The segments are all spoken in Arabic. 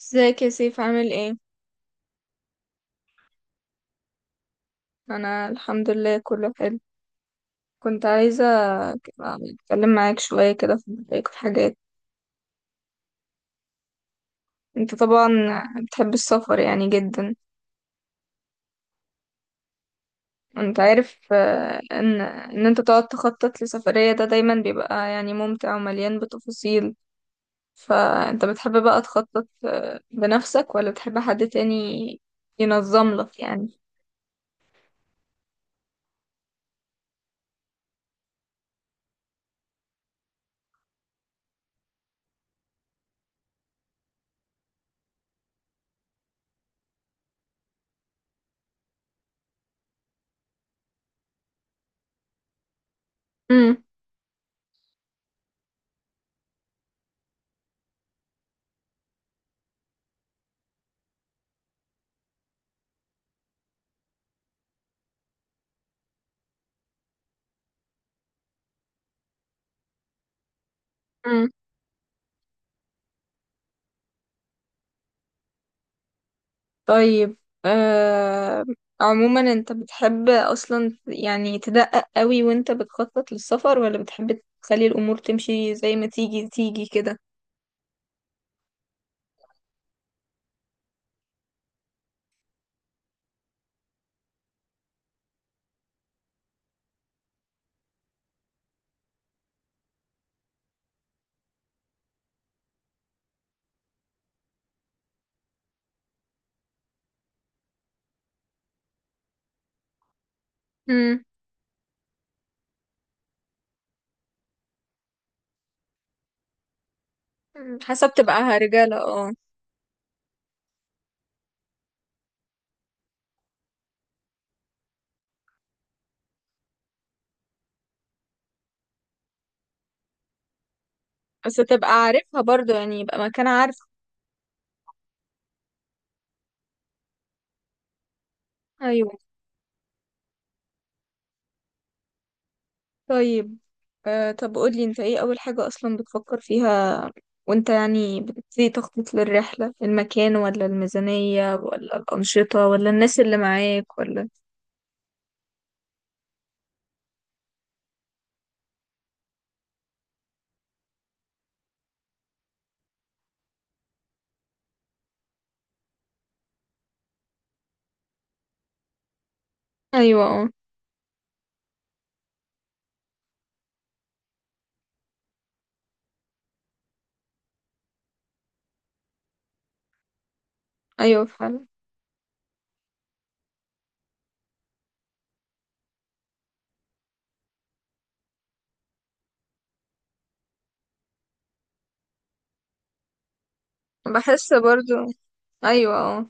ازيك يا سيف، عامل ايه؟ انا الحمد لله، كله حلو. كنت عايزة اتكلم معاك شوية كده في رأيك في حاجات. انت طبعا بتحب السفر يعني جدا. انت عارف ان انت تقعد تخطط لسفرية ده دايما بيبقى يعني ممتع ومليان بتفاصيل. فانت بتحب بقى تخطط بنفسك ولا بتحب حد تاني ينظم لك يعني؟ امم. طيب. آه عموما انت بتحب اصلا يعني تدقق قوي وانت بتخطط للسفر، ولا بتحب تخلي الامور تمشي زي ما تيجي تيجي كده. امم. حسب تبقى رجالة، اه. بس تبقى عارفها برضو، يعني يبقى مكان عارف. ايوه. طيب. طب قولي انت ايه اول حاجة اصلا بتفكر فيها، وانت يعني بتبتدي تخطط للرحلة، المكان ولا الميزانية ولا الأنشطة ولا الناس اللي معاك ولا؟ ايوه، اه. ايوه فعلا. بحس برضو. ايوه، اه.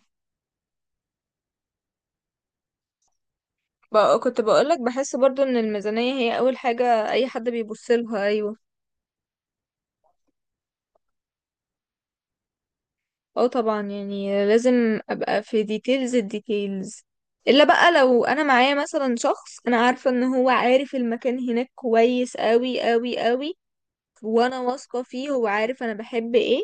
كنت بقولك بحس برضو ان الميزانية هي اول حاجة اي حد بيبص لها. ايوه، اه طبعا، يعني لازم ابقى في ديتيلز الديتيلز. الا بقى لو انا معايا مثلا شخص انا عارفة ان هو عارف المكان هناك كويس قوي قوي قوي، وانا واثقة فيه، هو عارف انا بحب ايه.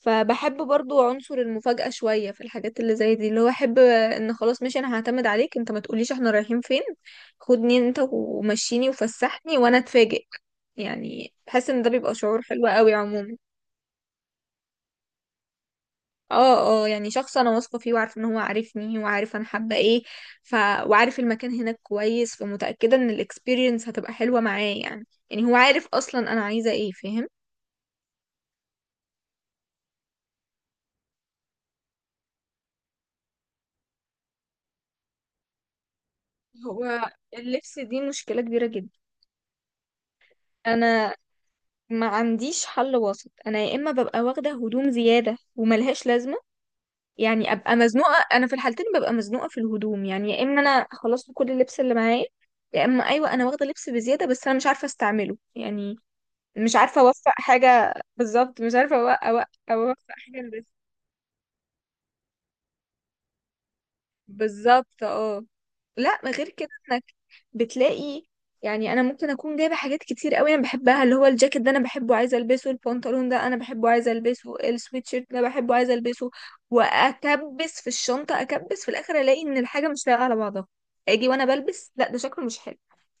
فبحب برضو عنصر المفاجأة شوية في الحاجات اللي زي دي، اللي هو احب ان خلاص ماشي، انا هعتمد عليك انت، ما تقوليش احنا رايحين فين. خدني انت ومشيني وفسحني وانا اتفاجئ. يعني بحس ان ده بيبقى شعور حلو قوي عموما. اه، اه، يعني شخص انا واثقة فيه، وعارف ان هو عارفني وعارف انا حابة ايه. ف وعارف المكان هناك كويس، فمتأكدة ان الاكسبيرينس هتبقى حلوة معاه، يعني هو عارف اصلا انا عايزة ايه، فاهم. هو اللبس دي مشكلة كبيرة جدا. انا ما عنديش حل وسط، انا يا اما ببقى واخدة هدوم زيادة وملهاش لازمة، يعني ابقى مزنوقة. انا في الحالتين ببقى مزنوقة في الهدوم، يعني يا اما انا خلصت كل اللبس اللي معايا، يا اما ايوه انا واخدة لبس بزيادة بس انا مش عارفة استعمله يعني. مش عارفة اوفق حاجة بالظبط، مش عارفة اوفق حاجة لبس. بالظبط، اه. لا، غير كده. بتلاقي يعني انا ممكن اكون جايبه حاجات كتير قوي انا بحبها، اللي هو الجاكيت ده انا بحبه عايزه البسه، البنطلون ده انا بحبه عايزه البسه، السويتشيرت ده بحبه عايزه البسه. واكبس في الشنطه، اكبس في الاخر الاقي ان الحاجه مش لايقه على بعضها. اجي وانا بلبس، لا ده شكله مش حلو.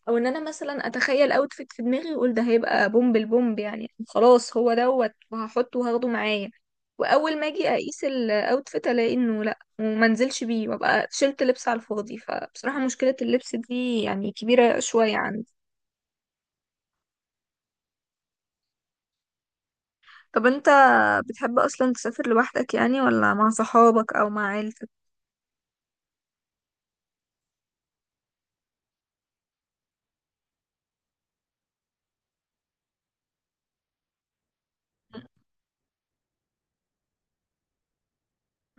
او ان انا مثلا اتخيل اوتفيت في دماغي واقول ده هيبقى بومب البومب، يعني خلاص هو دوت وهحطه وهاخده معايا. واول ما اجي اقيس الاوتفيت الاقي انه وما انزلش بيه، وابقى شلت لبس على الفاضي، فبصراحة مشكلة اللبس دي يعني كبيرة شوية عندي. طب انت بتحب اصلا تسافر لوحدك يعني، ولا مع صحابك او مع عيلتك؟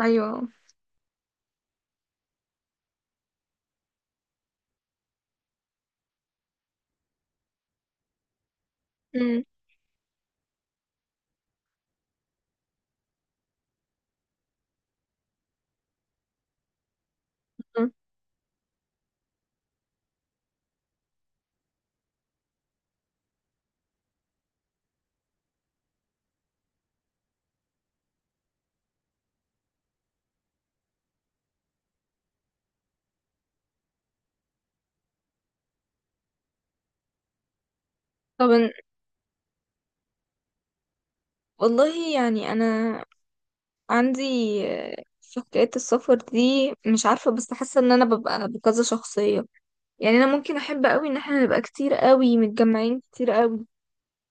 ايوه. مم. مم. طب والله يعني انا عندي، في حكاية السفر دي مش عارفة، بس حاسة ان انا ببقى بكذا شخصية. يعني انا ممكن احب قوي ان احنا نبقى كتير قوي، متجمعين كتير قوي.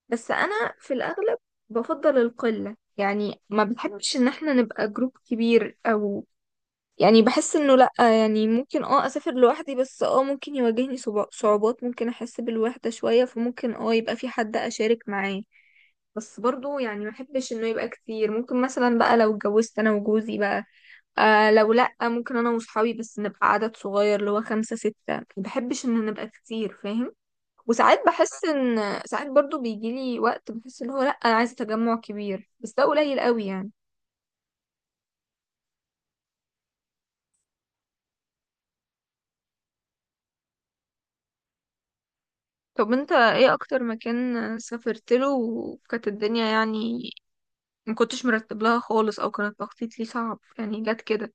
بس انا في الاغلب بفضل القلة، يعني ما بحبش ان احنا نبقى جروب كبير، او يعني بحس انه لا. يعني ممكن اه اسافر لوحدي، بس اه ممكن يواجهني صعوبات، ممكن احس بالوحدة شوية، فممكن اه يبقى في حد اشارك معاه. بس برضو يعني ما بحبش انه يبقى كتير. ممكن مثلا بقى لو اتجوزت انا وجوزي بقى، آه، لو لا ممكن انا وصحابي بس نبقى عدد صغير، اللي هو خمسة ستة. ما بحبش ان نبقى كتير، فاهم. وساعات بحس ان ساعات برضو بيجيلي وقت بحس ان هو لا، انا عايزه تجمع كبير، بس ده قليل قوي يعني. طب انت ايه اكتر مكان سافرت له وكانت الدنيا يعني ما كنتش مرتب لها خالص، او كانت تخطيط ليه صعب يعني، جت كده؟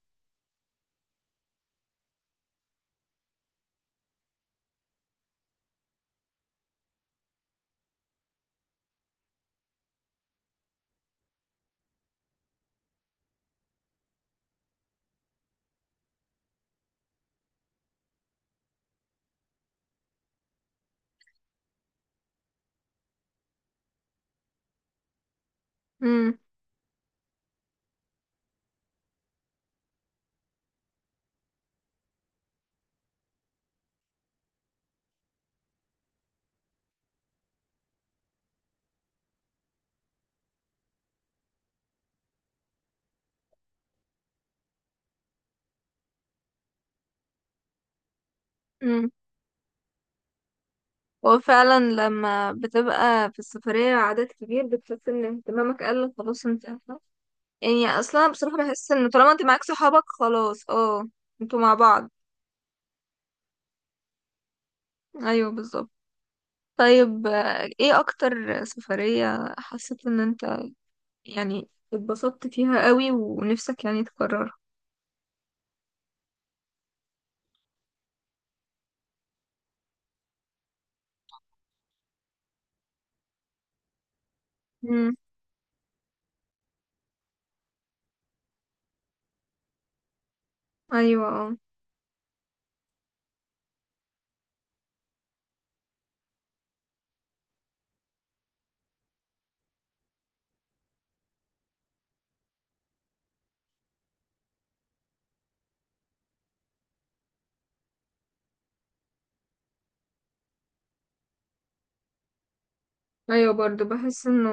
امم. امم. هو فعلا لما بتبقى في السفرية عدد كبير بتحس ان اهتمامك قل خلاص، انت عارفة. يعني اصلا بصراحة بحس ان طالما انت معاك صحابك خلاص، اه. انتوا مع بعض. ايوه بالظبط. طيب، ايه اكتر سفرية حسيت ان انت يعني اتبسطت فيها قوي ونفسك يعني تكررها؟ امم. ايوه، اه. ايوه برضو بحس انه،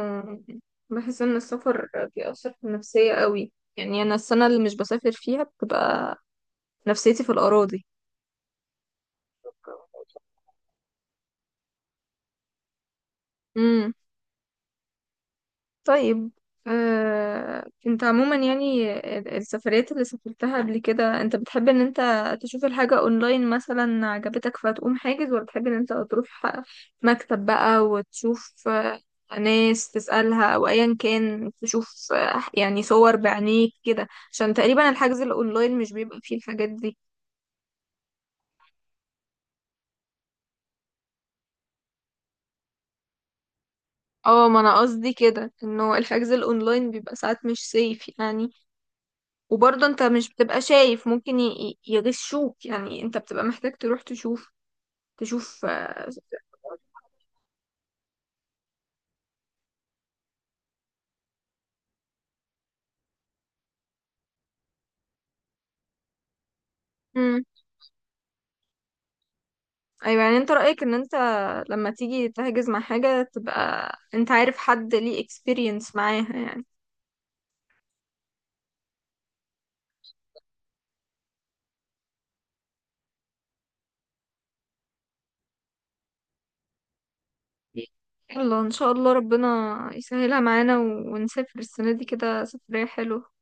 بحس ان السفر بيأثر في النفسية قوي، يعني انا السنة اللي مش بسافر فيها بتبقى نفسيتي في الأراضي. طيب، انت عموما يعني السفريات اللي سافرتها قبل كده انت بتحب ان انت تشوف الحاجة اونلاين مثلا عجبتك فتقوم حاجز، ولا بتحب ان انت تروح مكتب بقى وتشوف ناس تسألها او ايا كان، تشوف يعني صور بعينيك كده، عشان تقريبا الحجز الاونلاين مش بيبقى فيه الحاجات دي؟ اه، ما انا قصدي كده انه الحجز الاونلاين بيبقى ساعات مش سيف يعني، وبرضه انت مش بتبقى شايف، ممكن يغشوك يعني، انت بتبقى محتاج تروح تشوف. امم. ايوه، يعني انت رأيك ان انت لما تيجي تحجز مع حاجة تبقى انت عارف حد ليه اكسبيرينس معاها يعني. الله، ان شاء الله ربنا يسهلها معانا ونسافر السنة دي كده سفرية حلوة.